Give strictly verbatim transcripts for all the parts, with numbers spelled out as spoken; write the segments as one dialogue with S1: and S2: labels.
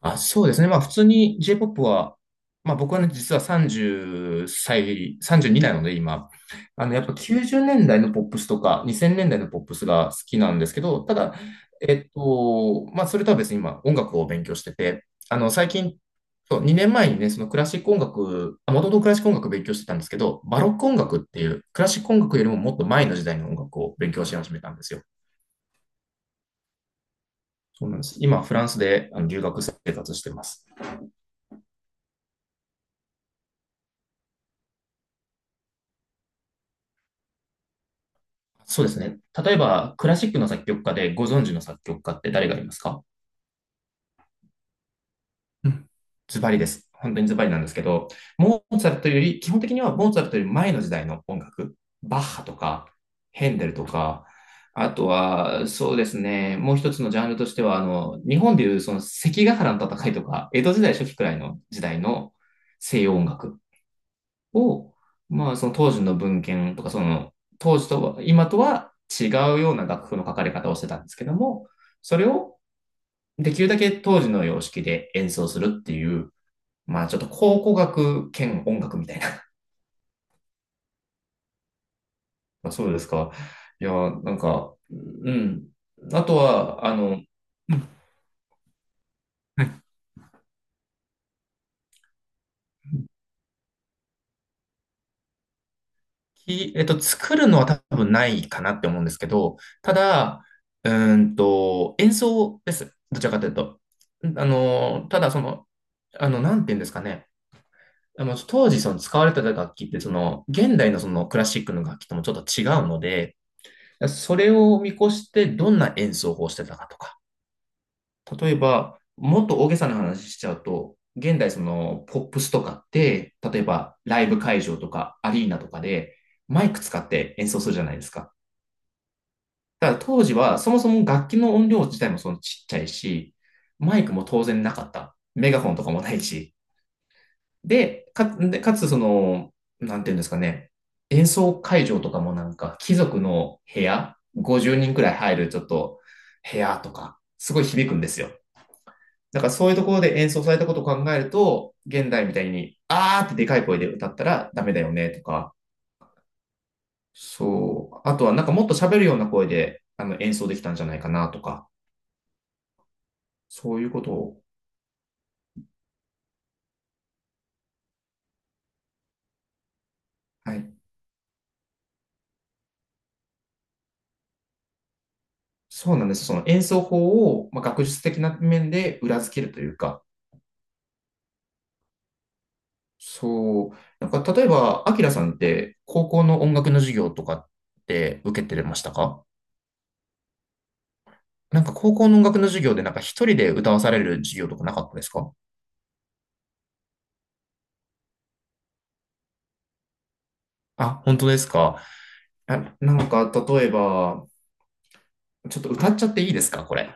S1: あ、そうですね。まあ普通に J-ポップ は、まあ僕はね、実はさんじゅっさい、さんじゅうになので今、あのやっぱきゅうじゅうねんだいのポップスとかにせんねんだいのポップスが好きなんですけど、ただ、えっと、まあそれとは別に今音楽を勉強してて、あの最近、そう、にねんまえにね、そのクラシック音楽、元もともとクラシック音楽勉強してたんですけど、バロック音楽っていうクラシック音楽よりももっと前の時代の音楽を勉強し始めたんですよ。そうなんです。今フランスであの留学生活してます。そうですね。例えば、クラシックの作曲家でご存知の作曲家って誰がいますか？うん。ズバリです。本当にズバリなんですけど、モーツァルトより、基本的にはモーツァルトより前の時代の音楽、バッハとか、ヘンデルとか、あとは、そうですね、もう一つのジャンルとしては、あの、日本でいうその関ヶ原の戦いとか、江戸時代初期くらいの時代の西洋音楽を、まあ、その当時の文献とか、その当時とは、今とは違うような楽譜の書かれ方をしてたんですけども、それをできるだけ当時の様式で演奏するっていう、まあちょっと考古学兼音楽みたいな。まあそうですか。いや、なんか、うん。あとは、あの、うん、はい、き、えっと、作るのは多分ないかなって思うんですけど、ただ、うーんと、演奏です。どちらかというと。あの、ただその、あの、なんて言うんですかね。あの、当時その使われてた楽器って、その、現代のそのクラシックの楽器ともちょっと違うので、それを見越してどんな演奏法をしてたかとか、例えば、もっと大げさな話しちゃうと、現代そのポップスとかって、例えばライブ会場とかアリーナとかでマイク使って演奏するじゃないですか。だから当時はそもそも楽器の音量自体もそのちっちゃいし、マイクも当然なかった。メガホンとかもないし。で、か、でかつその、なんていうんですかね、演奏会場とかもなんか貴族の部屋、ごじゅうにんくらい入るちょっと部屋とか、すごい響くんですよ。だからそういうところで演奏されたことを考えると、現代みたいに、あーってでかい声で歌ったらダメだよねとか、そう。あとはなんかもっと喋るような声であの演奏できたんじゃないかなとか、そういうことを、はい。そうなんです。その演奏法を、まあ、学術的な面で裏付けるというか、そう。なんか例えば、アキラさんって高校の音楽の授業とかって受けてましたか？なんか高校の音楽の授業でなんか一人で歌わされる授業とかなかったですか？あ、本当ですか？あ、なんか、例えば、ちょっと歌っちゃっていいですかこれ？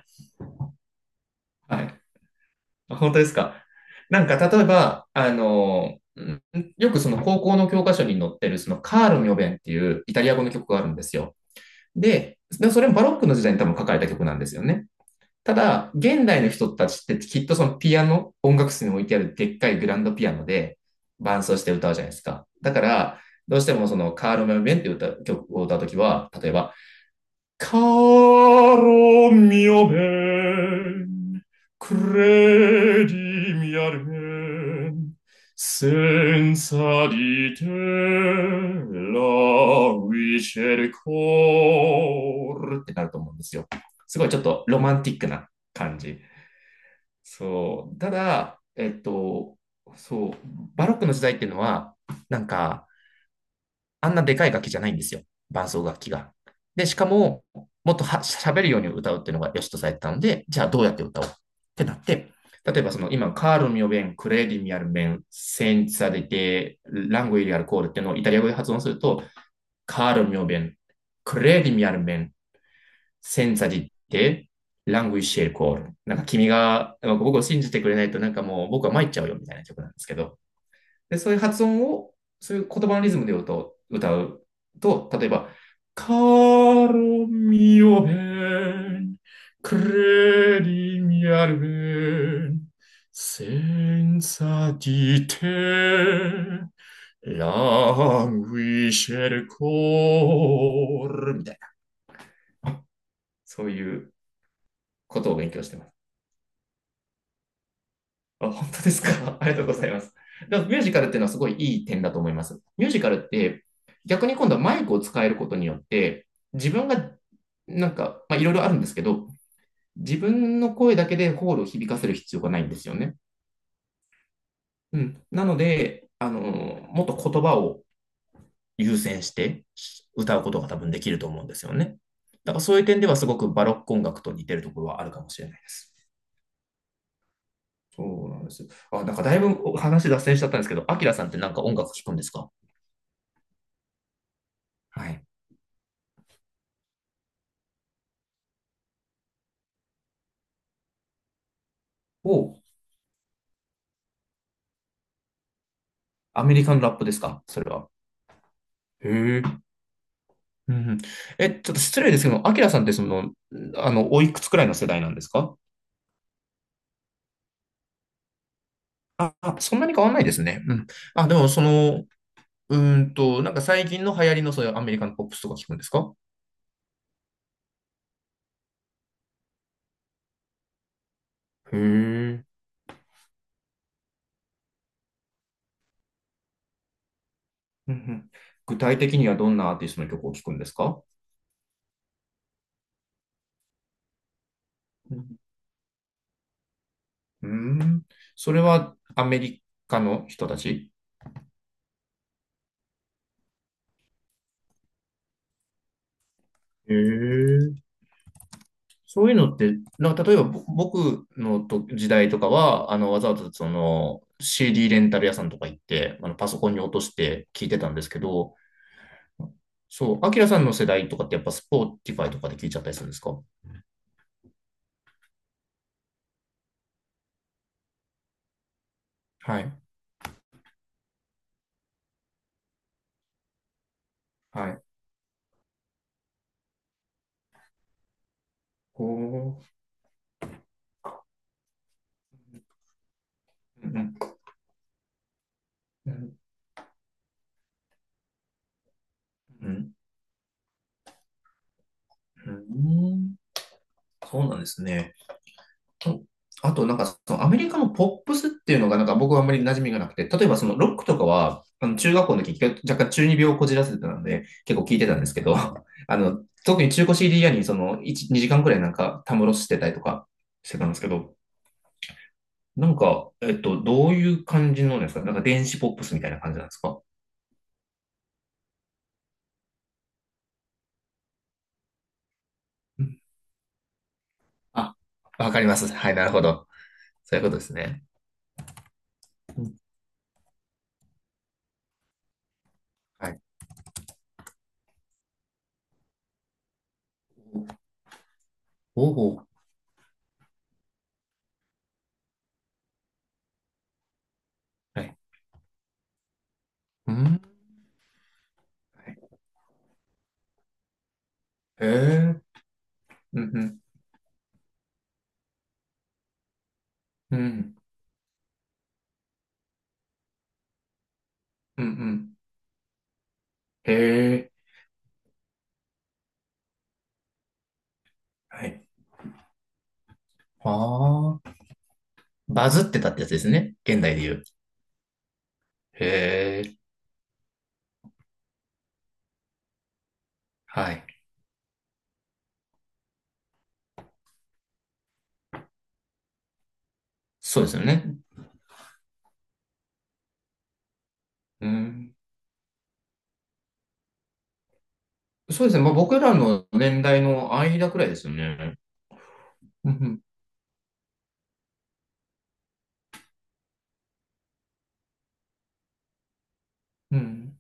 S1: はい。あ、本当ですか？なんか、例えば、あの、うんよくその高校の教科書に載ってる、そのカール・ミョベンっていうイタリア語の曲があるんですよ。で、でそれもバロックの時代に多分書かれた曲なんですよね。ただ、現代の人たちってきっとそのピアノ、音楽室に置いてあるでっかいグランドピアノで伴奏して歌うじゃないですか。だから、どうしてもそのカール・ミョベンっていう歌曲を歌うときは、例えば、Caro mio ben, credimi al ben, senza di te l a v i s c e il cor ってなると思うんですよ。すごいちょっとロマンティックな感じ。そう。ただ、えっと、そう、バロックの時代っていうのは、なんか、あんなでかい楽器じゃないんですよ。伴奏楽器が。で、しかも、もっとは喋るように歌うっていうのが良しとされてたので、じゃあどうやって歌おうってなって、例えばその今、カールミオベン、クレーディミアルメン、センツァデテ、ラングイリアルコールっていうのをイタリア語で発音すると、カールミオベン、クレーディミアルメン、センツァデテ、ラングイシェルコール。なんか君が、僕を信じてくれないとなんかもう僕は参っちゃうよみたいな曲なんですけど、で、そういう発音を、そういう言葉のリズムで歌うと、例えば、カロミオヘン、クレリミアルベン、センサティテ、ランウィシェルコール、みたいな。そういうことを勉強してます。あ、本当ですか。ありがとうございます。だからミュージカルっていうのはすごいいい点だと思います。ミュージカルって逆に今度はマイクを使えることによって自分がなんか、まあ、いろいろあるんですけど自分の声だけでホールを響かせる必要がないんですよね。うん、なので、あのもっと言葉を優先して歌うことが多分できると思うんですよね。だからそういう点ではすごくバロック音楽と似てるところはあるかもしれないです。そうなんですよ。あ、なんかだいぶ話脱線しちゃったんですけど、アキラさんってなんか音楽聴くんですか？はい。お、アメリカのラップですかそれは？へえ。うんうん。え、ちょっと失礼ですけど、アキラさんってその、あの、おいくつくらいの世代なんですか？あ、あそんなに変わんないですね。うん。あ、でもその、うーんと、なんか最近の流行りのそういうアメリカのポップスとか聞くんですか？へえ。うんうん。具体的にはどんなアーティストの曲を聞くんですか？うん。うーんそれはアメリカの人たち？へえ。そういうのって、なんか例えばぼ僕のと時代とかは、あのわざわざその シーディー レンタル屋さんとか行って、あのパソコンに落として聞いてたんですけど、そう、アキラさんの世代とかってやっぱスポーティファイとかで聞いちゃったりするんですか？はい、はい。おー、うん、うん、うん、うん、そうなんですね。と、あとなんかそのアメリカのポップスっていうのがなんか僕はあんまり馴染みがなくて、例えばそのロックとかは、あの中学校の時、若干中二病をこじらせてたので、結構聞いてたんですけど、あの、特に中古 シーディー 屋にそのいち、にじかんくらいなんかたむろしてたりとかしてたんですけど、なんか、えっと、どういう感じのですか？なんか電子ポップスみたいな感じなんですか？うん。あ、わかります。はい、なるほど。そういうことですね。うん。はい。おお。はい。うん。はい。へえ。うんうん。うん。うんうん。へえ。はい。ああ。バズってたってやつですね。現代で言う。へえ。はい。そうですよね。うん。そうですね。まあ、僕らの年代の間くらいですよね。うんうん。うん。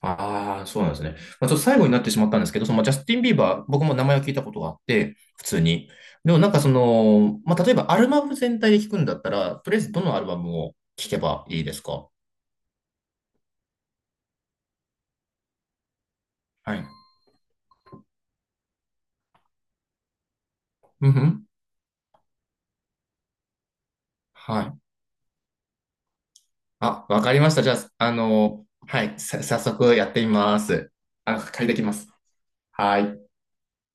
S1: ああ、そうなんですね。まあ、ちょっと最後になってしまったんですけど、そのまあジャスティン・ビーバー、僕も名前を聞いたことがあって、普通に。でもなんかその、まあ、例えばアルバム全体で聞くんだったら、とりあえずどのアルバムを聞けばいいですか？はい。うんうん。はい。あ、わかりました。じゃあ、あの、はい、さ、早速やってみます。あ、借りてきます。はい。